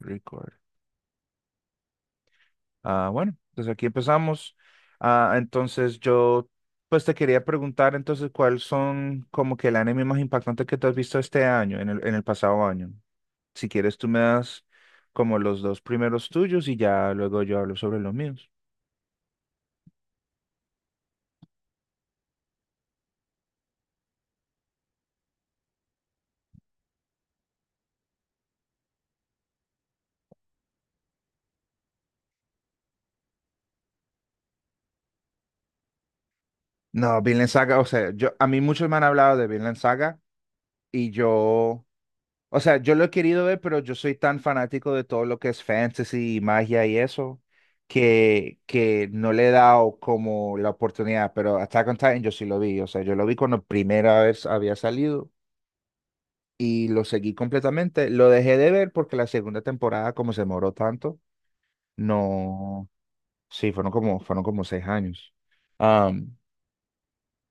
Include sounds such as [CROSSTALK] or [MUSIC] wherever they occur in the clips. Record. Ah, bueno, entonces aquí empezamos. Ah, entonces yo, pues te quería preguntar entonces cuáles son como que el anime más impactante que te has visto este año, en el pasado año. Si quieres, tú me das como los dos primeros tuyos y ya luego yo hablo sobre los míos. No, Vinland Saga, o sea, yo, a mí muchos me han hablado de Vinland Saga y yo. O sea, yo lo he querido ver, pero yo soy tan fanático de todo lo que es fantasy y magia y eso, que no le he dado como la oportunidad. Pero Attack on Titan yo sí lo vi. O sea, yo lo vi cuando primera vez había salido y lo seguí completamente. Lo dejé de ver porque la segunda temporada, como se demoró tanto, no. Sí, fueron como 6 años.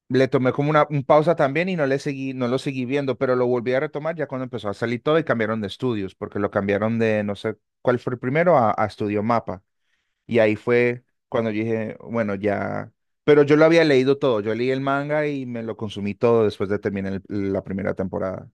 Le tomé como una un pausa también y no lo seguí viendo, pero lo volví a retomar ya cuando empezó a salir todo y cambiaron de estudios, porque lo cambiaron de no sé cuál fue el primero a, Estudio Mapa. Y ahí fue cuando yo dije, bueno, ya. Pero yo lo había leído todo, yo leí el manga y me lo consumí todo después de terminar la primera temporada.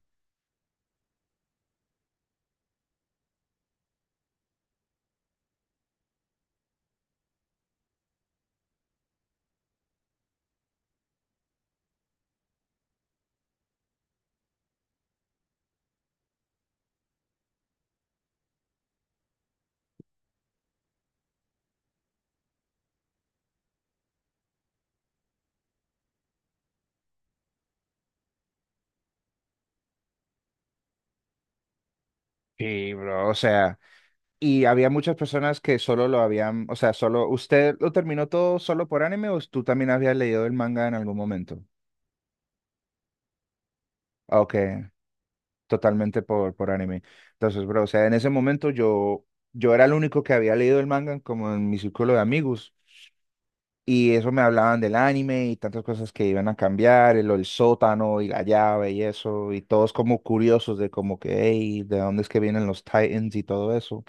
Sí, bro, o sea, y había muchas personas que solo lo habían, o sea, solo, ¿usted lo terminó todo solo por anime o tú también habías leído el manga en algún momento? Ok. Totalmente por anime. Entonces, bro, o sea, en ese momento yo era el único que había leído el manga como en mi círculo de amigos. Y eso me hablaban del anime y tantas cosas que iban a cambiar, el sótano y la llave y eso, y todos como curiosos de como que, hey, ¿de dónde es que vienen los Titans y todo eso?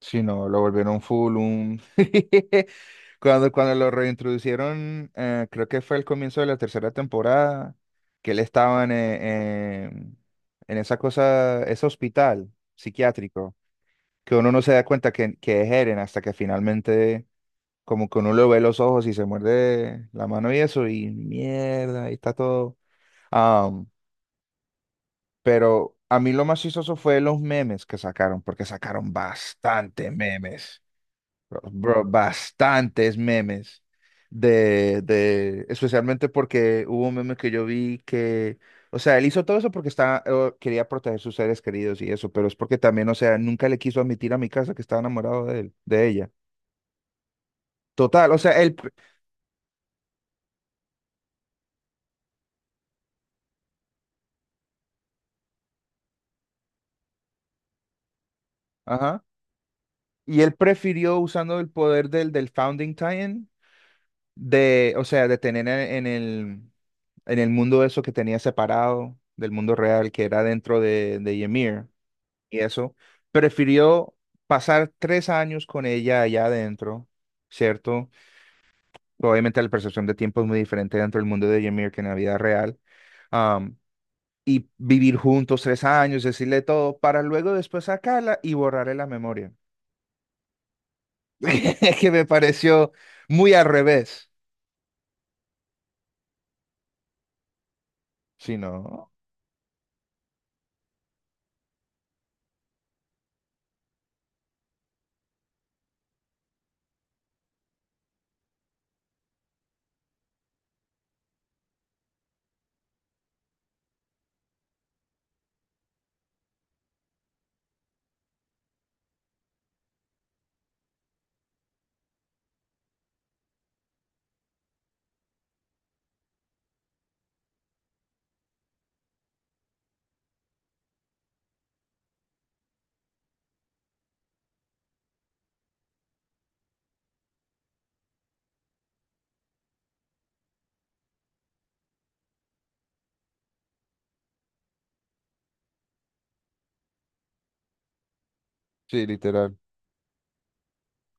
Sí, no, lo volvieron full un. [LAUGHS] Cuando lo reintroducieron, creo que fue al comienzo de la tercera temporada, que él estaba en esa cosa, ese hospital psiquiátrico, que uno no se da cuenta que es Eren hasta que finalmente como que uno le ve los ojos y se muerde la mano y eso, y mierda, ahí está todo. Am, pero a mí lo más chistoso fue los memes que sacaron, porque sacaron bastante memes. Bro, bastantes memes especialmente porque hubo un meme que yo vi que, o sea, él hizo todo eso porque estaba, quería proteger sus seres queridos y eso, pero es porque también, o sea, nunca le quiso admitir a mi casa que estaba enamorado de él, de ella. Total, o sea, él, ajá, y él prefirió usando el poder del Founding Time, de, o sea, de tener en el mundo eso que tenía separado del mundo real, que era dentro de Ymir. Y eso, prefirió pasar 3 años con ella allá adentro, ¿cierto? Obviamente la percepción de tiempo es muy diferente dentro del mundo de Ymir que en la vida real. am, y vivir juntos 3 años, decirle todo, para luego después sacarla y borrarle la memoria. [LAUGHS] Que me pareció muy al revés. Sí, no. Sí, literal.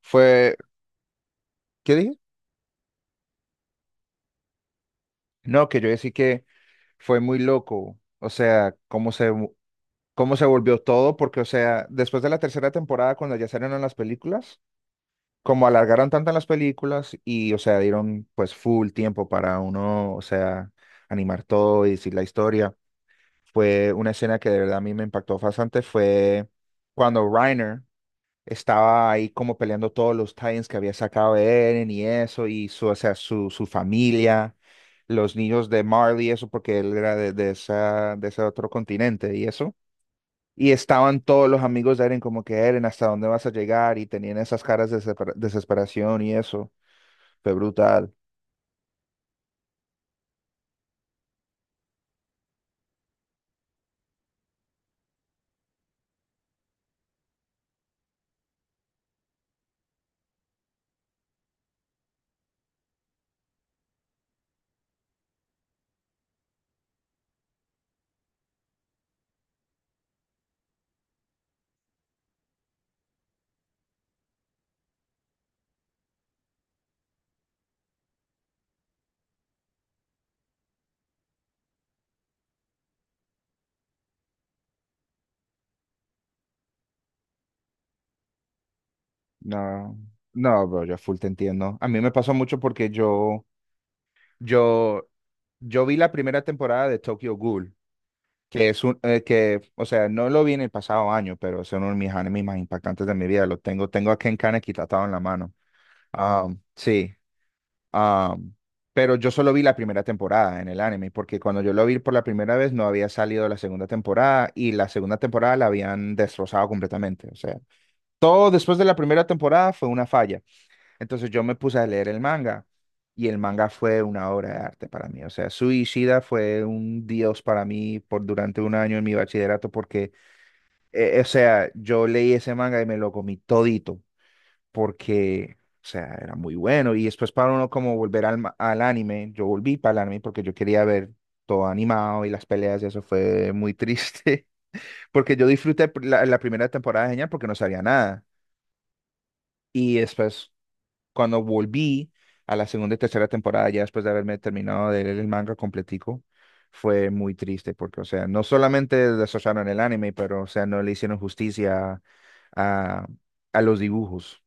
Fue, ¿qué dije? No, que yo decía que fue muy loco. O sea, cómo se volvió todo, porque, o sea, después de la tercera temporada, cuando ya salieron las películas, como alargaron tanto en las películas y, o sea, dieron pues full tiempo para uno, o sea, animar todo y decir la historia, fue una escena que de verdad a mí me impactó bastante, fue cuando Reiner estaba ahí como peleando todos los tie que había sacado Eren y eso, y su, o sea, su familia. Los niños de Marley, eso porque él era de ese otro continente y eso. Y estaban todos los amigos de Eren como que Eren, ¿hasta dónde vas a llegar? Y tenían esas caras de desesperación y eso. Fue brutal. No, no, bro, yo full te entiendo. A mí me pasó mucho porque yo, yo vi la primera temporada de Tokyo Ghoul, que es un, que, o sea, no lo vi en el pasado año, pero es uno de mis animes más impactantes de mi vida. Tengo a Ken Kaneki tatuado en la mano. Ah, sí. Am, pero yo solo vi la primera temporada en el anime, porque cuando yo lo vi por la primera vez no había salido la segunda temporada y la segunda temporada la habían destrozado completamente. O sea, todo después de la primera temporada fue una falla. Entonces yo me puse a leer el manga y el manga fue una obra de arte para mí. O sea, Suicida fue un dios para mí por durante un año en mi bachillerato porque, o sea, yo leí ese manga y me lo comí todito porque, o sea, era muy bueno. Y después para uno como volver al anime, yo volví para el anime porque yo quería ver todo animado y las peleas y eso fue muy triste, [LAUGHS] porque yo disfruté la primera temporada de genial porque no sabía nada. Y después, cuando volví a la segunda y tercera temporada, ya después de haberme terminado de leer el manga completico, fue muy triste porque, o sea, no solamente desocharon el anime, pero, o sea, no le hicieron justicia a, a los dibujos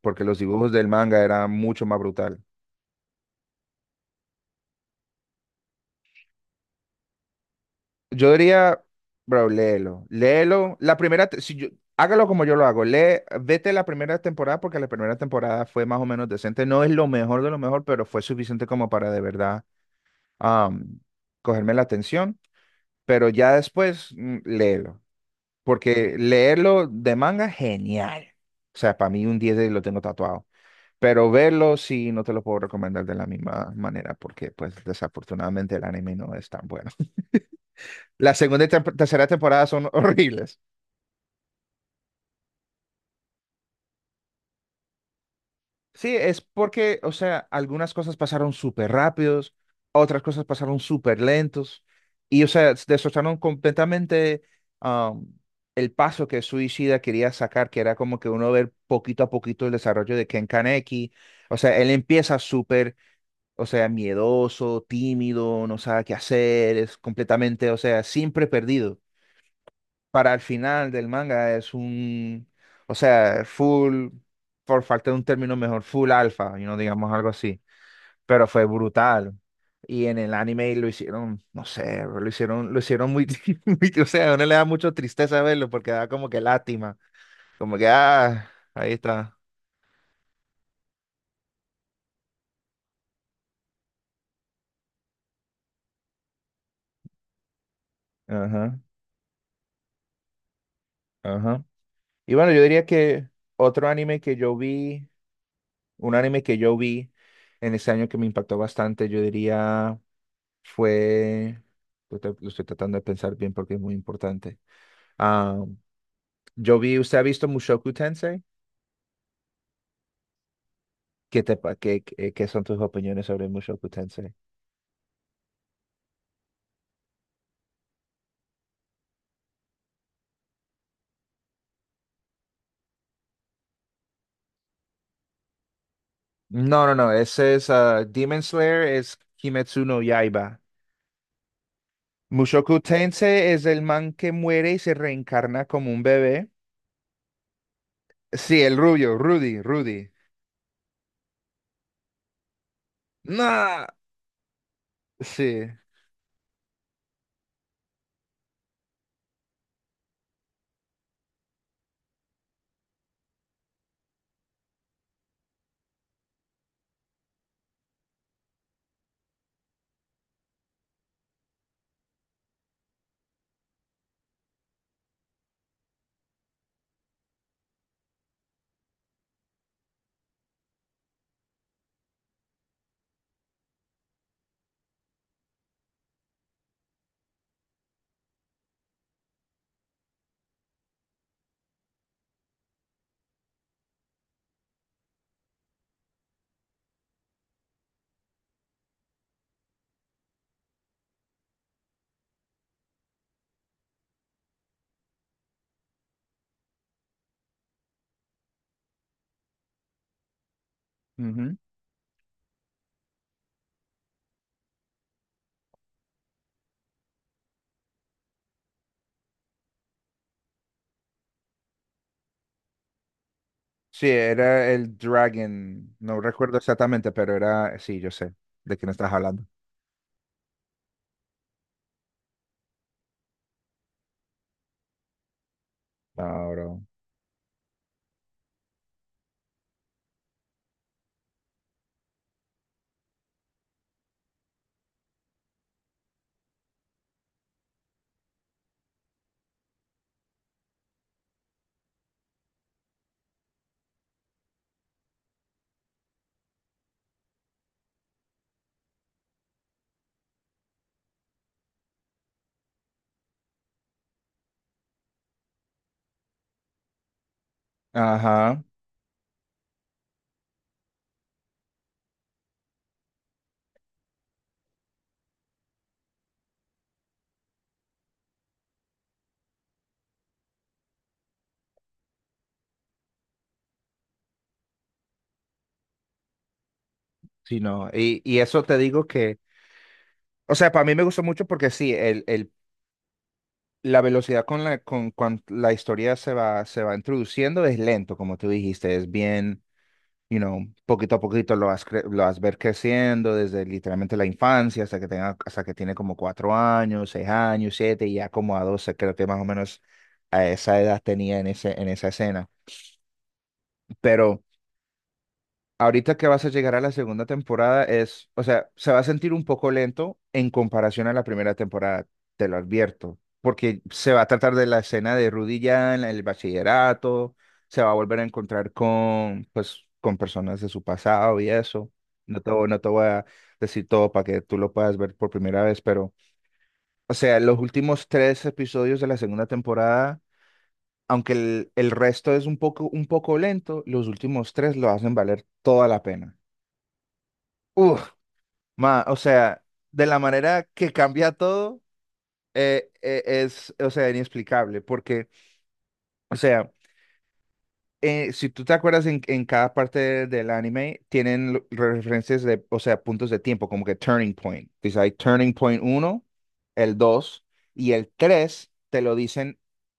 porque los dibujos del manga eran mucho más brutal. Yo diría, bro, léelo, léelo. La primera, si yo, hágalo como yo lo hago, lee, vete la primera temporada porque la primera temporada fue más o menos decente. No es lo mejor de lo mejor, pero fue suficiente como para de verdad am, cogerme la atención. Pero ya después, léelo, porque leerlo de manga, genial. O sea, para mí un 10 lo tengo tatuado. Pero verlo sí, no te lo puedo recomendar de la misma manera porque pues desafortunadamente el anime no es tan bueno. [LAUGHS] La segunda y tercera temporada son [LAUGHS] horribles. Sí, es porque, o sea, algunas cosas pasaron súper rápidos, otras cosas pasaron súper lentos y, o sea, destrozaron completamente um, el paso que Suicida quería sacar, que era como que uno ver poquito a poquito el desarrollo de Ken Kaneki. O sea, él empieza súper. O sea, miedoso, tímido, no sabe qué hacer, es completamente, o sea, siempre perdido. Para el final del manga es un, o sea, full, por falta de un término mejor, full alfa, y no digamos algo así. Pero fue brutal. Y en el anime lo hicieron, no sé, bro, lo hicieron muy, [LAUGHS] muy. O sea, a uno le da mucho tristeza verlo porque da como que lástima, como que, ah, ahí está. Ajá, ajá. Y bueno, yo diría que otro anime que yo vi. Un anime que yo vi en ese año que me impactó bastante, yo diría, fue, lo estoy tratando de pensar bien porque es muy importante. Ah, yo vi, ¿usted ha visto Mushoku Tensei? ¿Qué te, pa- qué, qué- qué son tus opiniones sobre Mushoku Tensei? No, no, no, ese es ah, Demon Slayer, es Kimetsu no Yaiba. Mushoku Tensei es el man que muere y se reencarna como un bebé. Sí, el rubio, Rudy, Rudy. ¡Nah! Sí. Sí, era el Dragon. No recuerdo exactamente, pero era. Sí, yo sé de quién estás hablando. Ah, ajá. Sí, no. Y eso te digo que. O sea, para mí me gustó mucho porque sí, la velocidad con la historia se va introduciendo es lento, como tú dijiste. Es bien. you know, Poquito a poquito lo vas ver creciendo desde literalmente la infancia hasta que tenga, hasta que tiene como 4 años, 6 años, 7, y ya como a 12, creo que más o menos a esa edad tenía en ese, en esa escena. Pero ahorita que vas a llegar a la segunda temporada es, o sea, se va a sentir un poco lento en comparación a la primera temporada, te lo advierto, porque se va a tratar de la escena de Rudy ya en el bachillerato, se va a volver a encontrar con, pues, con personas de su pasado y eso. No te voy a decir todo para que tú lo puedas ver por primera vez, pero, o sea, los últimos tres episodios de la segunda temporada, aunque el resto es un poco lento, los últimos tres lo hacen valer toda la pena. Uf, ma, o sea, de la manera que cambia todo, es, o sea, inexplicable, porque, o sea, si tú te acuerdas, en cada parte del anime tienen referencias de, o sea, puntos de tiempo, como que turning point. Dice, hay turning point uno, el 2 y el 3 te lo dicen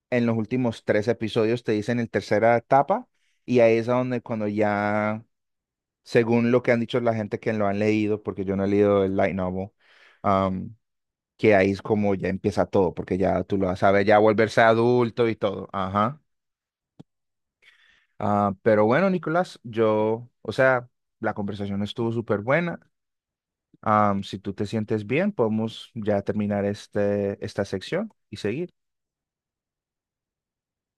en los últimos tres episodios, te dicen el tercera etapa y ahí es a donde cuando ya, según lo que han dicho la gente que lo han leído, porque yo no he leído el light novel, um, que ahí es como ya empieza todo, porque ya tú lo sabes, ya volverse adulto y todo. Ajá. Ah, pero bueno, Nicolás, yo, o sea, la conversación estuvo súper buena. Am, si tú te sientes bien, podemos ya terminar este, esta sección y seguir.